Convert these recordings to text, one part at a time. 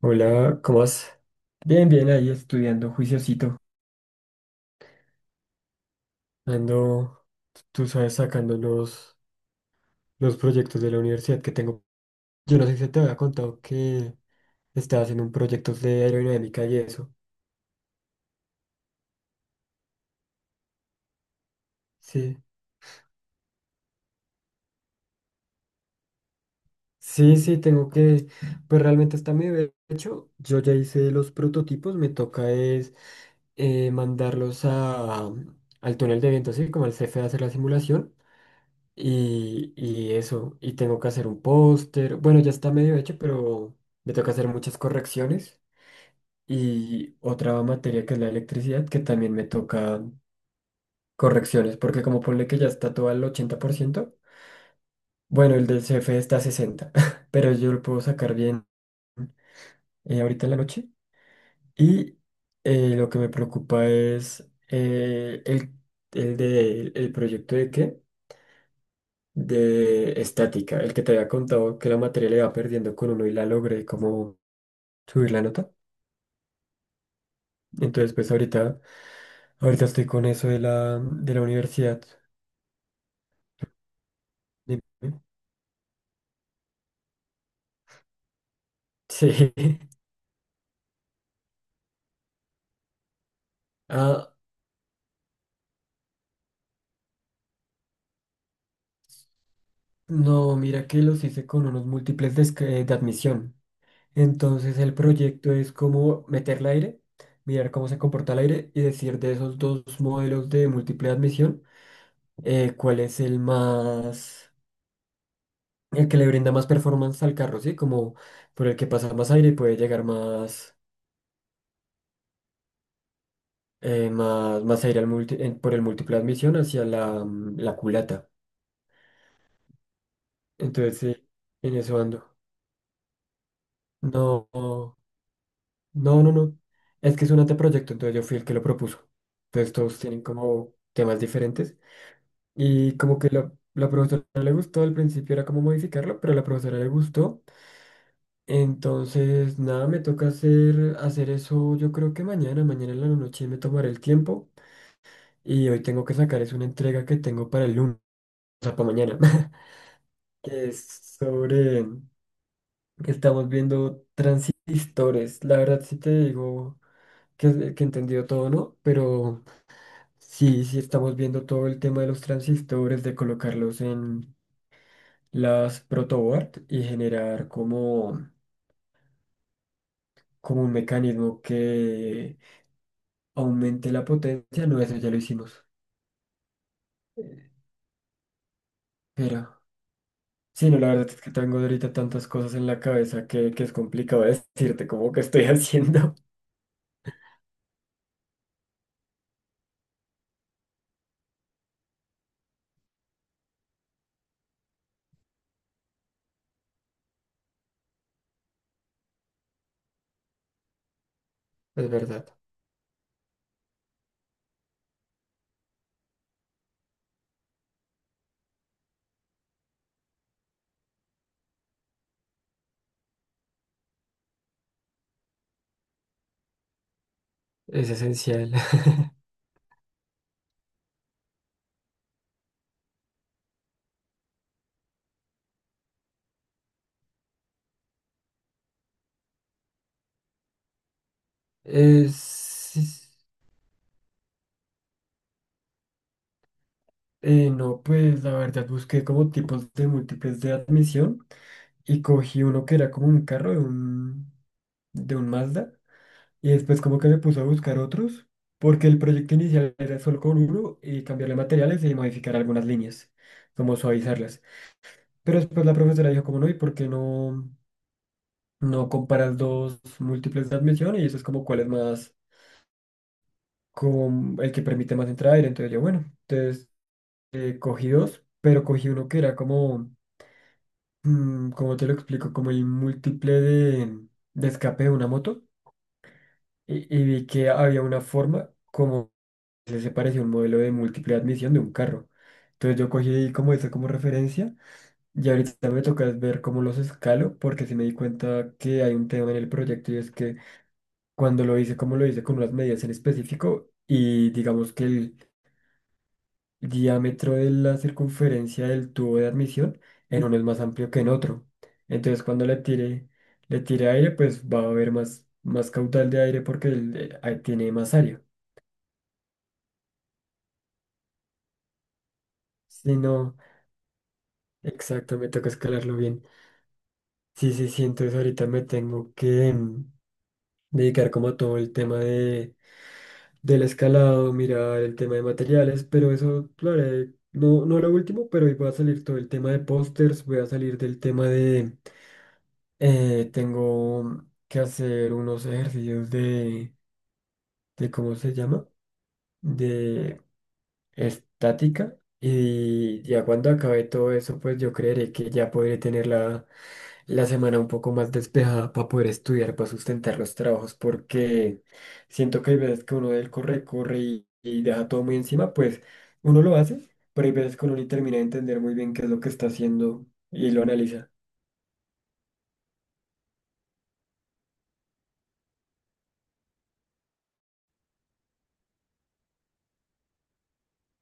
Hola, ¿cómo vas? Bien, bien, ahí estudiando, juiciosito. Ando, tú sabes, sacando los proyectos de la universidad que tengo. Yo no sé si te había contado que estaba haciendo un proyecto de aerodinámica y eso. Sí, sí, sí, tengo pues realmente está medio hecho. Yo ya hice los prototipos, me toca es mandarlos al túnel de viento, así como al CFE a hacer la simulación. Y eso, y tengo que hacer un póster. Bueno, ya está medio hecho, pero me toca hacer muchas correcciones. Y otra materia que es la electricidad, que también me toca correcciones, porque como ponle que ya está todo al 80%, bueno, el del CF está a 60%, pero yo lo puedo sacar bien ahorita en la noche. Y lo que me preocupa es el proyecto de qué. De estática, el que te había contado que la materia le iba perdiendo con uno y la logré como subir la nota. Entonces, pues ahorita estoy con eso de de la universidad. Dime. Sí. Ah, no, mira que los hice con unos múltiples de admisión. Entonces el proyecto es como meter el aire, mirar cómo se comporta el aire y decir de esos dos modelos de múltiple admisión, cuál es el más, el que le brinda más performance al carro, ¿sí? Como por el que pasa más aire y puede llegar más aire por el múltiple de admisión hacia la culata. Entonces, sí, en eso ando. No, no, no, no. Es que es un anteproyecto, entonces yo fui el que lo propuso. Entonces todos tienen como temas diferentes. Y como que la profesora no le gustó, al principio era como modificarlo, pero a la profesora le gustó. Entonces, nada, me toca hacer, hacer eso. Yo creo que mañana, mañana en la noche me tomaré el tiempo, y hoy tengo que sacar es una entrega que tengo para el lunes, o sea, para mañana, que es sobre, que estamos viendo historias. La verdad sí te digo que entendió todo, ¿no? Pero sí, sí estamos viendo todo el tema de los transistores, de colocarlos en las protoboard y generar como, como un mecanismo que aumente la potencia. No, eso ya lo hicimos. Eh, Pero, sí, no, la verdad es que tengo ahorita tantas cosas en la cabeza que es complicado decirte cómo que estoy haciendo. Es verdad, es esencial. Es, es- no, pues la verdad busqué como tipos de múltiples de admisión y cogí uno que era como un carro de un Mazda y después como que me puse a buscar otros porque el proyecto inicial era solo con uno y cambiarle materiales y modificar algunas líneas, como suavizarlas. Pero después la profesora dijo como no, ¿y por qué no comparas dos múltiples de admisión? Y eso es como cuál es más, como el que permite más entrada aire. Entonces yo, bueno, entonces cogí dos, pero cogí uno que era como, ¿cómo te lo explico? Como el múltiple de escape de una moto. Y vi que había una forma como que se parecía a un modelo de múltiple de admisión de un carro. Entonces yo cogí como eso como referencia. Y ahorita me toca es ver cómo los escalo, porque sí me di cuenta que hay un tema en el proyecto y es que cuando lo hice, como lo hice con unas medidas en específico y digamos que el diámetro de la circunferencia del tubo de admisión en uno es más amplio que en otro. Entonces cuando le tire aire, pues va a haber más caudal de aire porque ahí tiene más área. Si no, exacto, me toca escalarlo bien. Sí, sí, sí, entonces ahorita me tengo que dedicar como a todo el tema de del escalado, mirar el tema de materiales, pero eso lo haré, no, no lo último, pero hoy va a salir todo el tema de pósters, voy a salir del tema tengo que hacer unos ejercicios ¿cómo se llama? De estática. Y ya cuando acabe todo eso, pues yo creeré que ya podré tener la semana un poco más despejada para poder estudiar, para sustentar los trabajos, porque siento que hay veces que uno del corre, corre y deja todo muy encima, pues uno lo hace, pero hay veces que uno ni termina de entender muy bien qué es lo que está haciendo y lo analiza.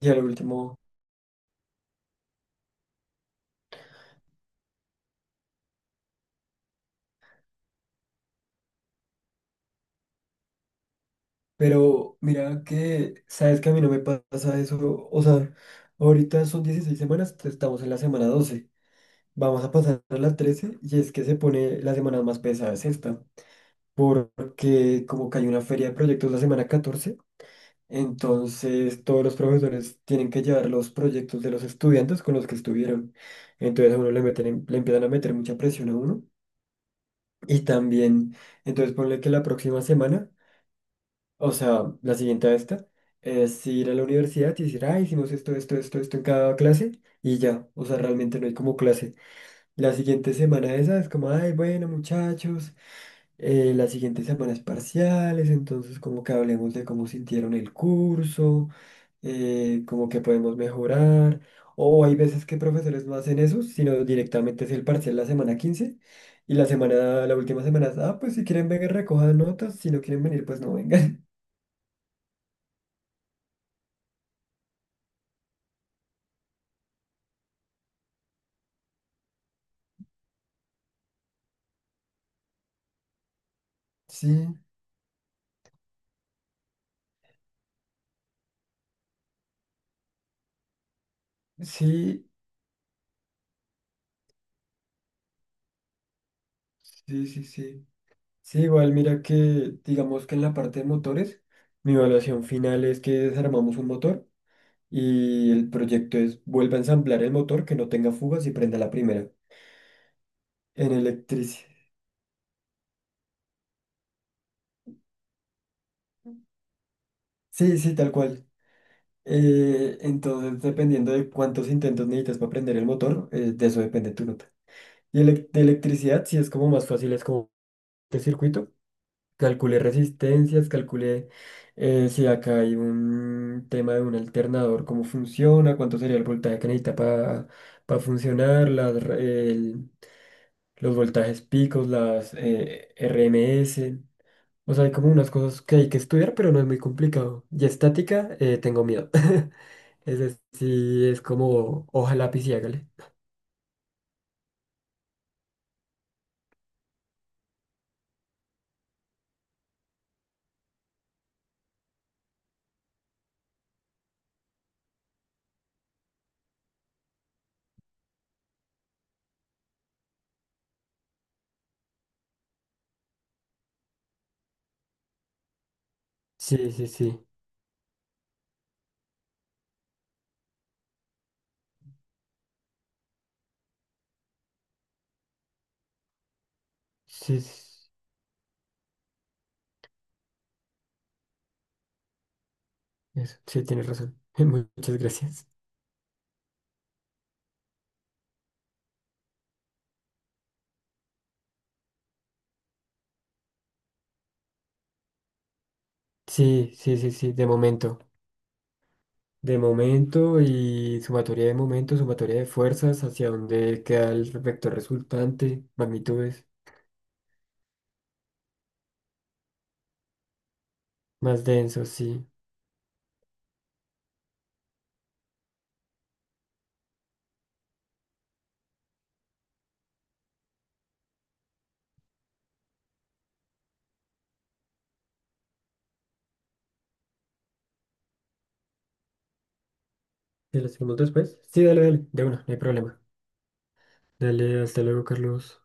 Y al último, pero mira que, sabes que a mí no me pasa eso, o sea, ahorita son 16 semanas, estamos en la semana 12. Vamos a pasar a la 13 y es que se pone la semana más pesada es esta, porque como que hay una feria de proyectos la semana 14, entonces todos los profesores tienen que llevar los proyectos de los estudiantes con los que estuvieron. Entonces a uno le meten, le empiezan a meter mucha presión a uno. Y también, entonces ponle que la próxima semana, o sea, la siguiente a esta, es ir a la universidad y decir, ah, hicimos esto, esto, esto, esto en cada clase y ya, o sea, realmente no hay como clase. La siguiente semana esa es como, ay, bueno, muchachos. Las siguientes semanas parciales, entonces como que hablemos de cómo sintieron el curso, como que podemos mejorar. O hay veces que profesores no hacen eso, sino directamente es el parcial la semana 15 y la semana, la última semana, es, ah, pues si quieren vengan recojan notas, si no quieren venir, pues no vengan. Sí, sí, sí, sí, sí. Sí, igual mira que digamos que en la parte de motores, mi evaluación final es que desarmamos un motor. Y el proyecto es vuelva a ensamblar el motor que no tenga fugas y prenda la primera. En electricidad. Sí, sí, tal cual. Entonces, dependiendo de cuántos intentos necesitas para prender el motor, de eso depende tu nota. Y de electricidad, sí es como más fácil, es como este circuito. Calculé resistencias, calculé si acá hay un tema de un alternador, cómo funciona, cuánto sería el voltaje que necesita para funcionar, los voltajes picos, las RMS. O sea, hay como unas cosas que hay que estudiar, pero no es muy complicado. Y estática, tengo miedo. Es decir, es como hoja, lápiz y hágale. Sí, sí, sí. Sí, sí, eso, sí, tienes razón. Muchas gracias. Sí, sí, sí, sí, de momento. De momento y sumatoria de momento, sumatoria de fuerzas, hacia dónde queda el vector resultante, magnitudes, más denso, sí. ¿Sí lo hacemos después? Sí, dale, dale, de una, no hay problema. Dale, hasta luego, Carlos.